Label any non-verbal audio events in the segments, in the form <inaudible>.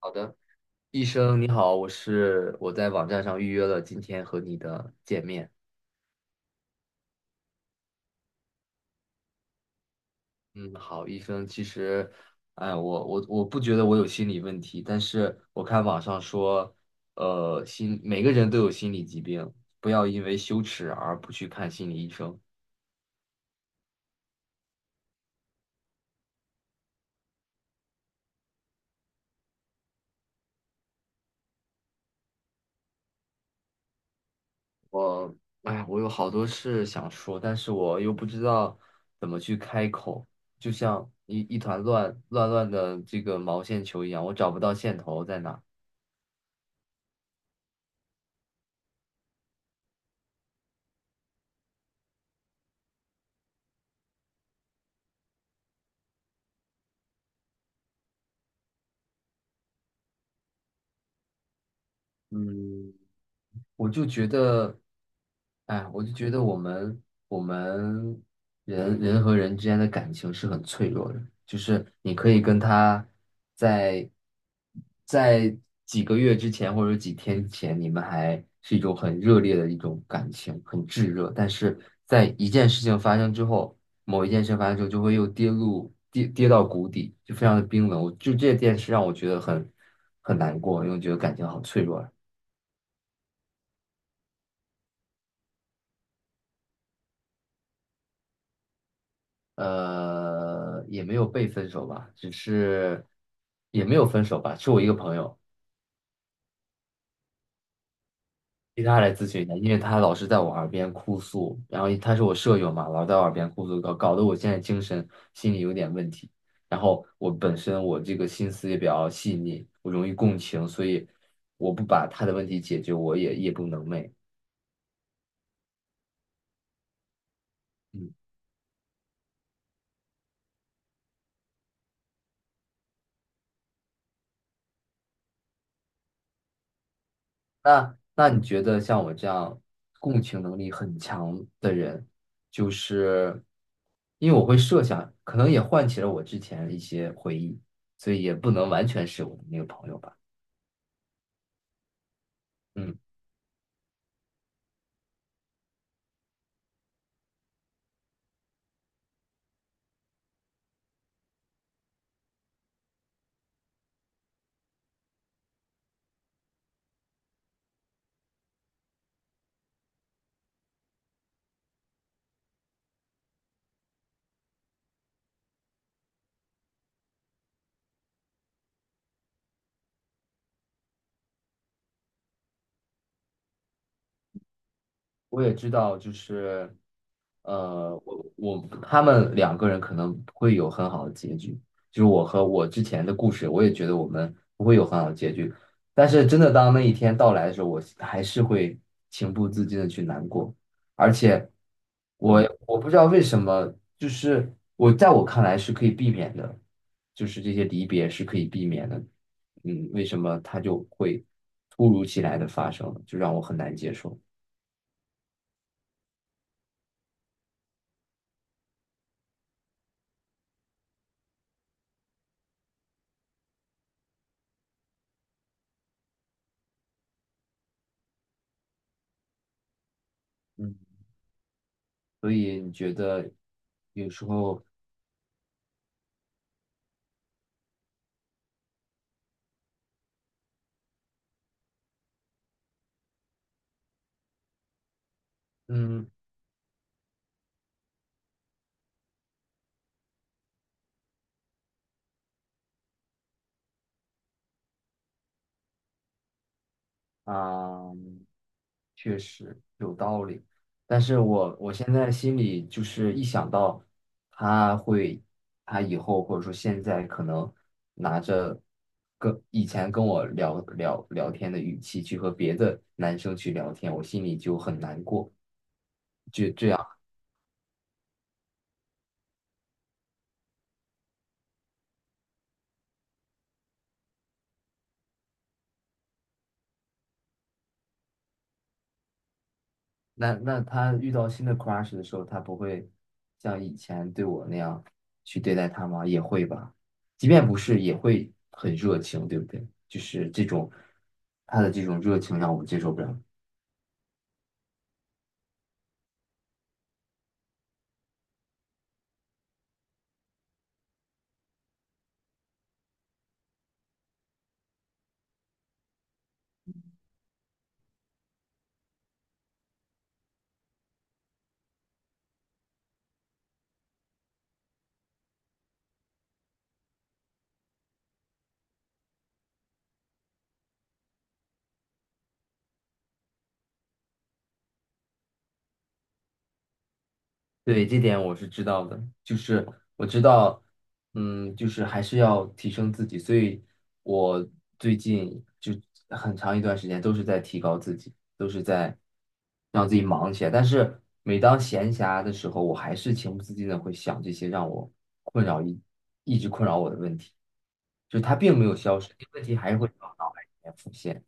好的，医生你好，我在网站上预约了今天和你的见面。嗯，好，医生，其实，哎，我不觉得我有心理问题，但是我看网上说，每个人都有心理疾病，不要因为羞耻而不去看心理医生。我，哎，我有好多事想说，但是我又不知道怎么去开口，就像一团乱的这个毛线球一样，我找不到线头在哪。嗯，我就觉得，哎，我就觉得我们人和人之间的感情是很脆弱的，就是你可以跟他在在几个月之前或者几天前，你们还是一种很热烈的一种感情，很炙热，但是在一件事情发生之后，某一件事发生之后，就会又跌入跌到谷底，就非常的冰冷。我就这件事让我觉得很难过，因为我觉得感情好脆弱啊。呃，也没有被分手吧，只是也没有分手吧，是我一个朋友，其他来咨询一下，因为他老是在我耳边哭诉，然后他是我舍友嘛，老在我耳边哭诉，搞得我现在精神心理有点问题。然后我本身我这个心思也比较细腻，我容易共情，所以我不把他的问题解决，我也夜不能寐。嗯，那你觉得像我这样共情能力很强的人，就是因为我会设想，可能也唤起了我之前的一些回忆，所以也不能完全是我的那个朋友吧。嗯，我也知道，就是呃，我他们两个人可能不会有很好的结局，就是我和我之前的故事，我也觉得我们不会有很好的结局。但是真的当那一天到来的时候，我还是会情不自禁的去难过，而且我不知道为什么，就是我在我看来是可以避免的，就是这些离别是可以避免的，嗯，为什么它就会突如其来的发生，就让我很难接受。嗯。所以你觉得有时候？嗯。啊，确实有道理，但是我现在心里就是一想到他会，他以后或者说现在可能拿着跟以前跟我聊聊天的语气去和别的男生去聊天，我心里就很难过。就这样。那他遇到新的 crush 的时候，他不会像以前对我那样去对待他吗？也会吧，即便不是，也会很热情，对不对？就是这种他的这种热情让我接受不了。对，这点我是知道的，就是我知道，嗯，就是还是要提升自己，所以我最近就很长一段时间都是在提高自己，都是在让自己忙起来。但是每当闲暇的时候，我还是情不自禁的会想这些让我困扰一一直困扰我的问题，就是它并没有消失，这个问题还是会在我脑海里面浮现。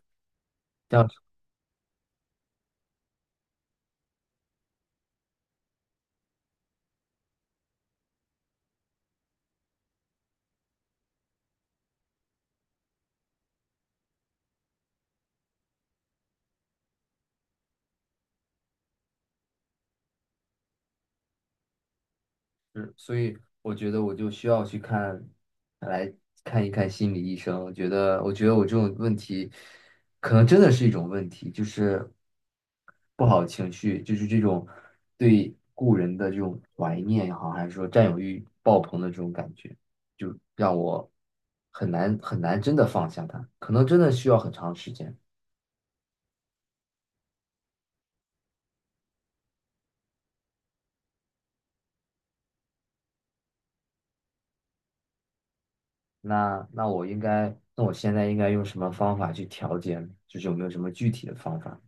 是，所以我觉得我就需要去看，来看一看心理医生。我觉得，我觉得我这种问题，可能真的是一种问题，就是不好的情绪，就是这种对故人的这种怀念也好，还是说占有欲爆棚的这种感觉，就让我很难真的放下它，可能真的需要很长时间。那我应该，那我现在应该用什么方法去调节呢，就是有没有什么具体的方法？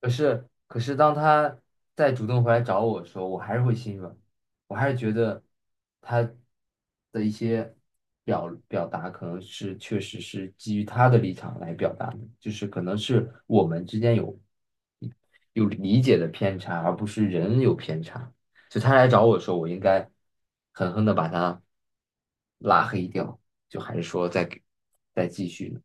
可是，可是当他再主动回来找我的时候，我还是会心软，我还是觉得他的一些表达可能是确实是基于他的立场来表达的，就是可能是我们之间有有理解的偏差，而不是人有偏差。就他来找我的时候，我应该狠狠的把他拉黑掉，就还是说再给再继续呢？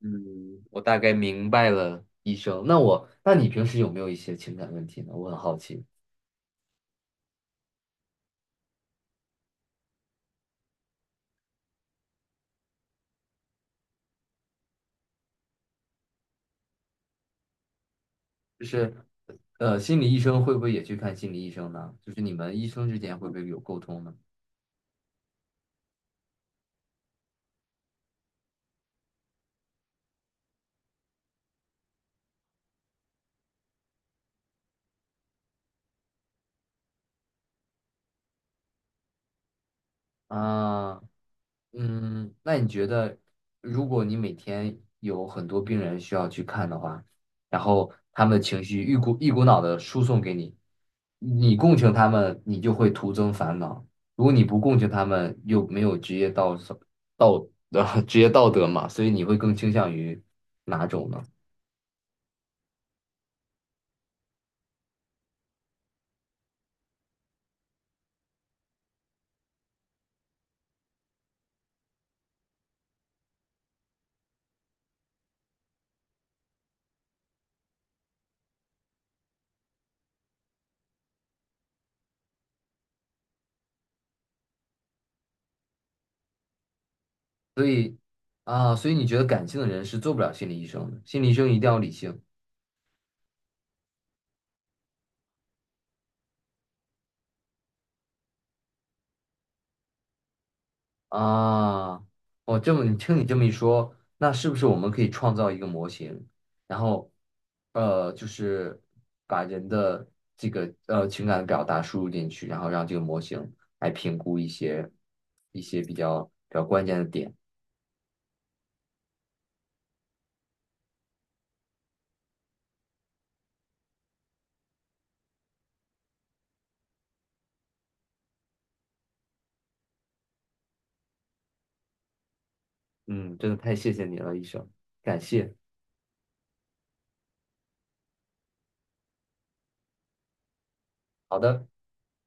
嗯，我大概明白了，医生。那我，那你平时有没有一些情感问题呢？我很好奇，就是，呃，心理医生会不会也去看心理医生呢？就是你们医生之间会不会有沟通呢？啊，嗯，那你觉得，如果你每天有很多病人需要去看的话，然后他们的情绪一股一股脑的输送给你，你共情他们，你就会徒增烦恼；如果你不共情他们，又没有职业道德<laughs> 职业道德嘛，所以你会更倾向于哪种呢？所以啊，所以你觉得感性的人是做不了心理医生的，心理医生一定要理性。啊，我这么你听你这么一说，那是不是我们可以创造一个模型，然后，呃，就是把人的这个呃情感表达输入进去，然后让这个模型来评估一些比较关键的点。嗯，真的太谢谢你了，医生，感谢。好的。